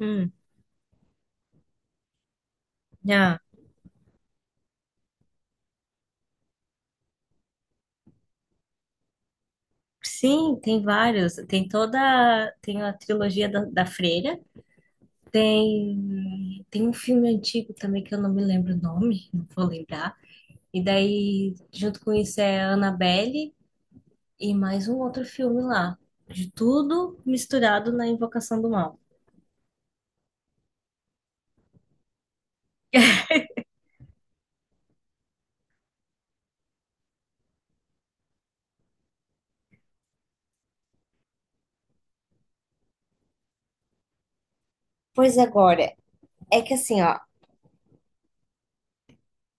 Hum, já. Sim, tem vários. Tem a trilogia da Freira. Tem um filme antigo também que eu não me lembro o nome, não vou lembrar. E daí, junto com isso é a Annabelle e mais um outro filme lá. De tudo misturado na Invocação do Mal. Pois agora, é que assim, ó,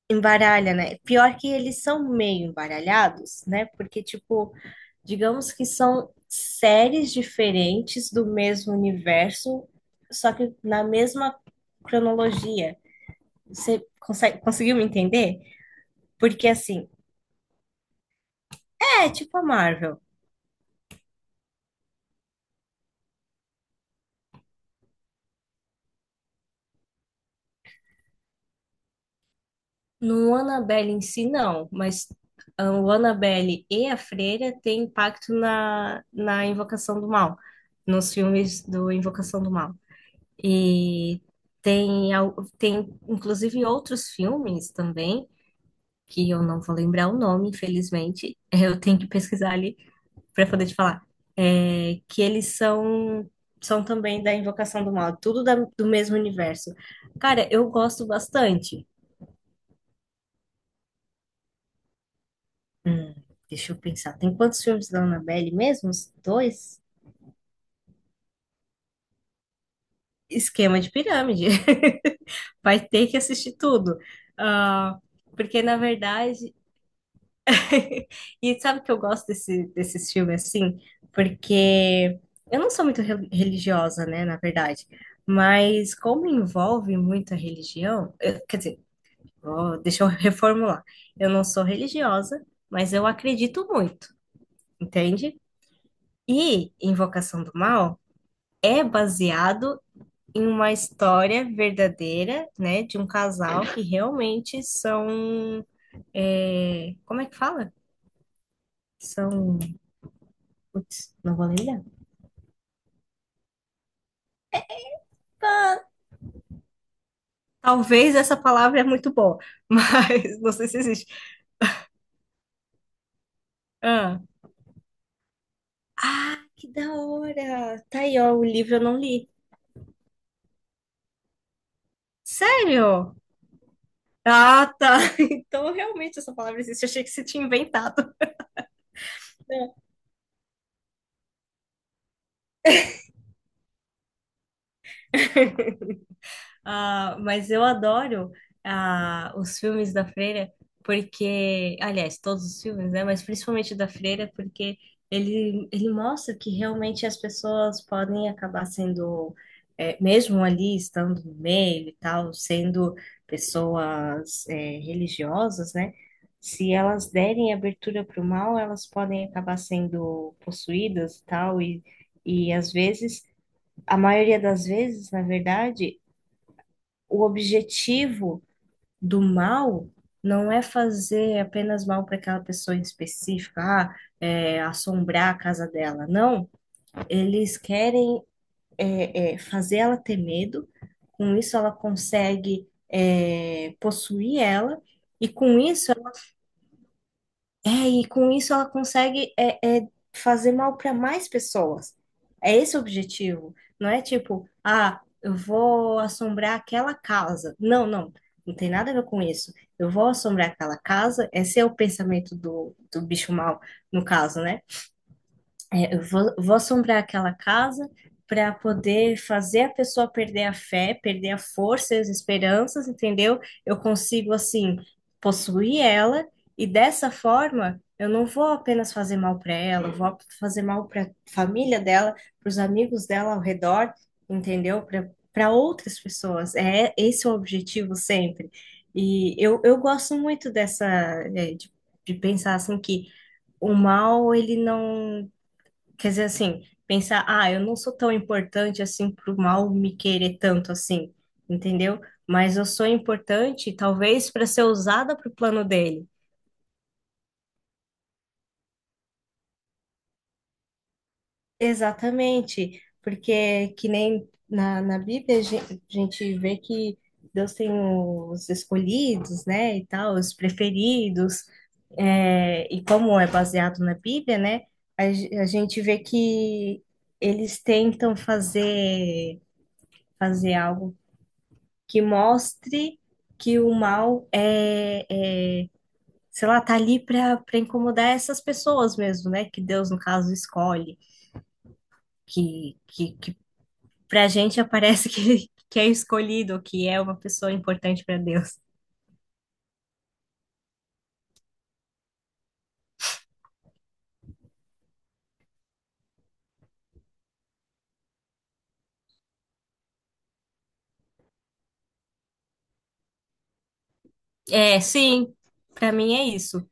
embaralha, né? Pior que eles são meio embaralhados, né? Porque, tipo, digamos que são séries diferentes do mesmo universo, só que na mesma cronologia. Você conseguiu me entender? Porque assim, é tipo a Marvel. No Annabelle em si, não, mas ah, o Annabelle e a Freira têm impacto na Invocação do Mal, nos filmes do Invocação do Mal. E tem, tem inclusive outros filmes também que eu não vou lembrar o nome, infelizmente, eu tenho que pesquisar ali para poder te falar, que eles são são também da Invocação do Mal, tudo do mesmo universo. Cara, eu gosto bastante. Hum, deixa eu pensar, tem quantos filmes da Annabelle mesmo? Uns dois? Esquema de pirâmide. Vai ter que assistir tudo. Ah, porque, na verdade, e sabe que eu desses filmes assim? Porque eu não sou muito religiosa, né, na verdade. Mas como envolve muito a religião, quer dizer, ó, deixa eu reformular. Eu não sou religiosa, mas eu acredito muito, entende? E Invocação do Mal é baseado em uma história verdadeira, né, de um casal que realmente são, é, como é que fala? São, putz, não vou lembrar. Talvez essa palavra é muito boa, mas não sei se existe. Ah, ah, que da hora! Tá aí, ó, o livro eu não li. Sério? Ah, tá. Então realmente essa palavra existe. Achei que você tinha inventado. Ah, mas eu adoro ah, os filmes da Freira, porque, aliás, todos os filmes, né? Mas principalmente o da Freira, porque ele mostra que realmente as pessoas podem acabar sendo, mesmo ali estando no meio e tal, sendo pessoas, religiosas, né? Se elas derem abertura para o mal, elas podem acabar sendo possuídas e tal, e às vezes. A maioria das vezes, na verdade, o objetivo do mal não é fazer apenas mal para aquela pessoa em específica, ah, é, assombrar a casa dela. Não, eles querem fazer ela ter medo, com isso ela consegue possuir ela, e com isso é, e com isso ela consegue fazer mal para mais pessoas. É esse o objetivo. Não é tipo, ah, eu vou assombrar aquela casa. Não, não. Não tem nada a ver com isso. Eu vou assombrar aquela casa. Esse é o pensamento do bicho mal, no caso, né? Vou assombrar aquela casa para poder fazer a pessoa perder a fé, perder a força e as esperanças, entendeu? Eu consigo, assim, possuir ela e dessa forma eu não vou apenas fazer mal para ela, eu vou fazer mal para família dela, para os amigos dela ao redor, entendeu? Para outras pessoas. É esse é o objetivo sempre. E eu gosto muito dessa, é, de pensar assim que o mal ele não quer dizer, assim, pensar, ah, eu não sou tão importante assim pro mal me querer tanto assim, entendeu? Mas eu sou importante, talvez, para ser usada pro plano dele. Exatamente, porque que nem na Bíblia a a gente vê que Deus tem os escolhidos, né, e tal, os preferidos, é, e como é baseado na Bíblia, né, a gente vê que eles tentam fazer fazer algo que mostre que o mal é, é sei lá, tá ali para para incomodar essas pessoas mesmo, né? Que Deus, no caso, escolhe, que pra gente aparece que, que é escolhido, que é uma pessoa importante para Deus. É, sim, pra mim é isso.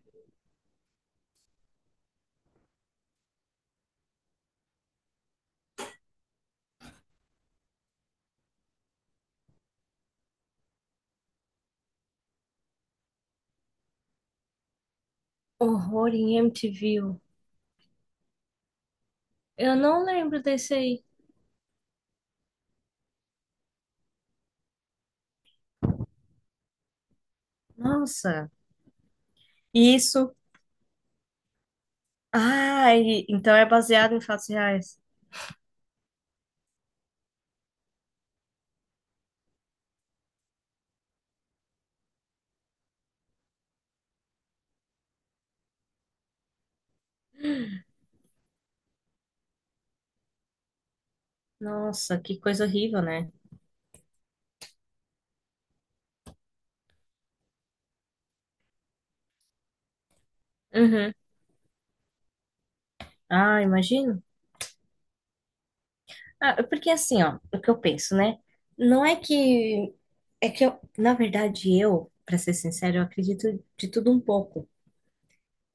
Horror em MTV. Eu não lembro desse aí. Nossa, isso. Ah, e- então é baseado em fatos reais. Nossa, que coisa horrível, né? Uhum. Ah, imagino. Ah, porque assim, ó, o que eu penso, né? Não é que. É que eu, na verdade, eu, pra ser sincero, eu acredito de tudo um pouco.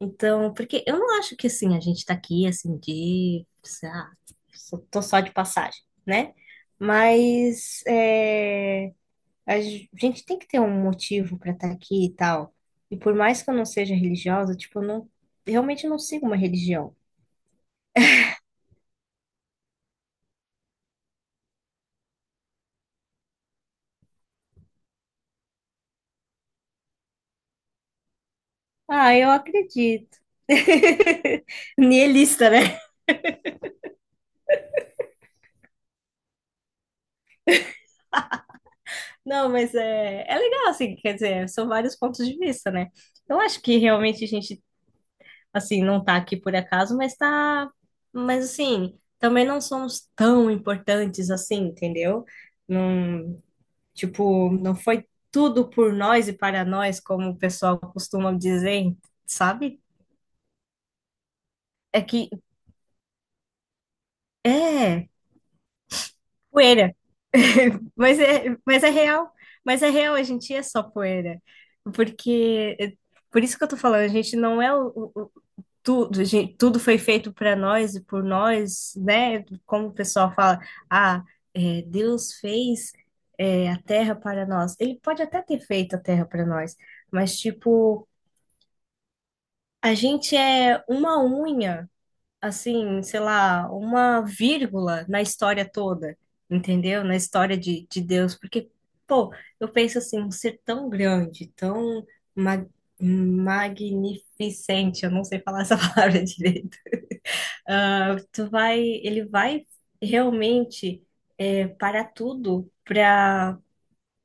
Então, porque eu não acho que assim, a gente tá aqui assim de. Sei lá, tô só de passagem, né? Mas é, a gente tem que ter um motivo pra estar aqui e tal. E por mais que eu não seja religiosa, tipo, eu não, realmente não sigo uma religião. Ah, eu acredito. Nihilista, não, mas é, é legal, assim, quer dizer, são vários pontos de vista, né? Eu acho que realmente a gente, assim, não tá aqui por acaso, mas tá. Mas, assim, também não somos tão importantes assim, entendeu? Não, tipo, não foi tudo por nós e para nós, como o pessoal costuma dizer, sabe? É que. É, poeira. Mas é real. Mas é real, a gente é só poeira. Porque. Por isso que eu tô falando, a gente não é o, tudo, gente, tudo foi feito para nós e por nós, né? Como o pessoal fala, ah, é, Deus fez é, a terra para nós. Ele pode até ter feito a terra para nós, mas tipo, a gente é uma unha, assim, sei lá, uma vírgula na história toda, entendeu? Na história de Deus, porque, pô, eu penso assim, um ser tão grande, tão ma magnificente, eu não sei falar essa palavra direito ah, ele vai realmente é, parar tudo para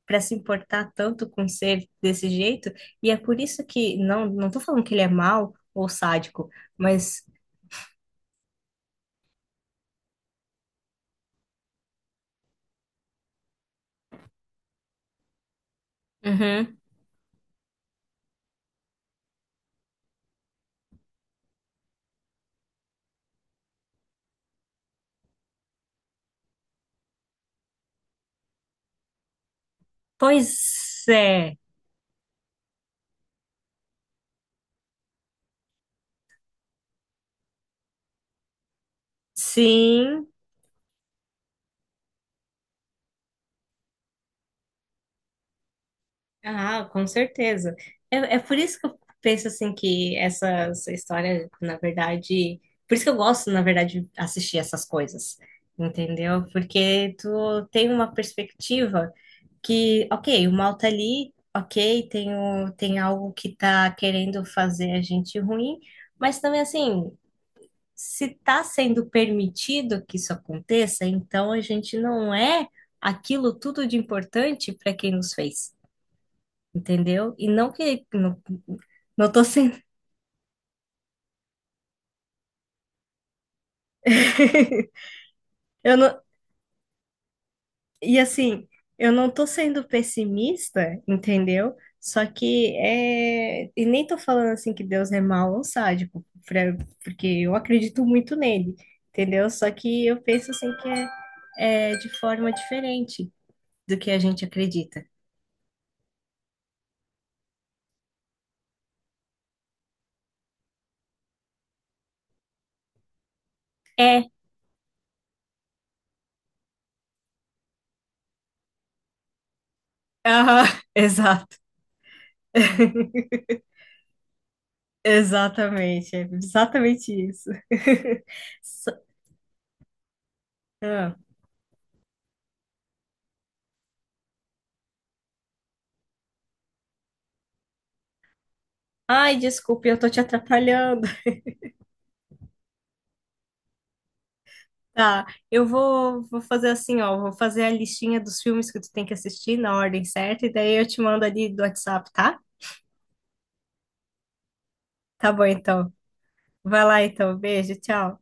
para se importar tanto com ser desse jeito. E é por isso que não tô falando que ele é mau ou sádico, mas uhum. Pois é, sim, ah, com certeza. É, é por isso que eu penso assim que essa história, na verdade, por isso que eu gosto, na verdade, de assistir essas coisas. Entendeu? Porque tu tem uma perspectiva que, ok, o mal tá ali, ok, tem, o, tem algo que tá querendo fazer a gente ruim, mas também assim, se tá sendo permitido que isso aconteça, então a gente não é aquilo tudo de importante para quem nos fez, entendeu? E não que não, não tô sendo. Eu não, e assim, eu não tô sendo pessimista, entendeu? Só que é. E nem tô falando assim que Deus é mau ou sádico, pra- porque eu acredito muito nele, entendeu? Só que eu penso assim que é, é de forma diferente do que a gente acredita. É, aham, exato. Exatamente, é exatamente isso. So- ah. Ai, desculpe, eu tô te atrapalhando. Tá, vou fazer assim, ó, vou fazer a listinha dos filmes que tu tem que assistir na ordem certa, e daí eu te mando ali do WhatsApp, tá? Tá bom, então. Vai lá, então. Beijo, tchau.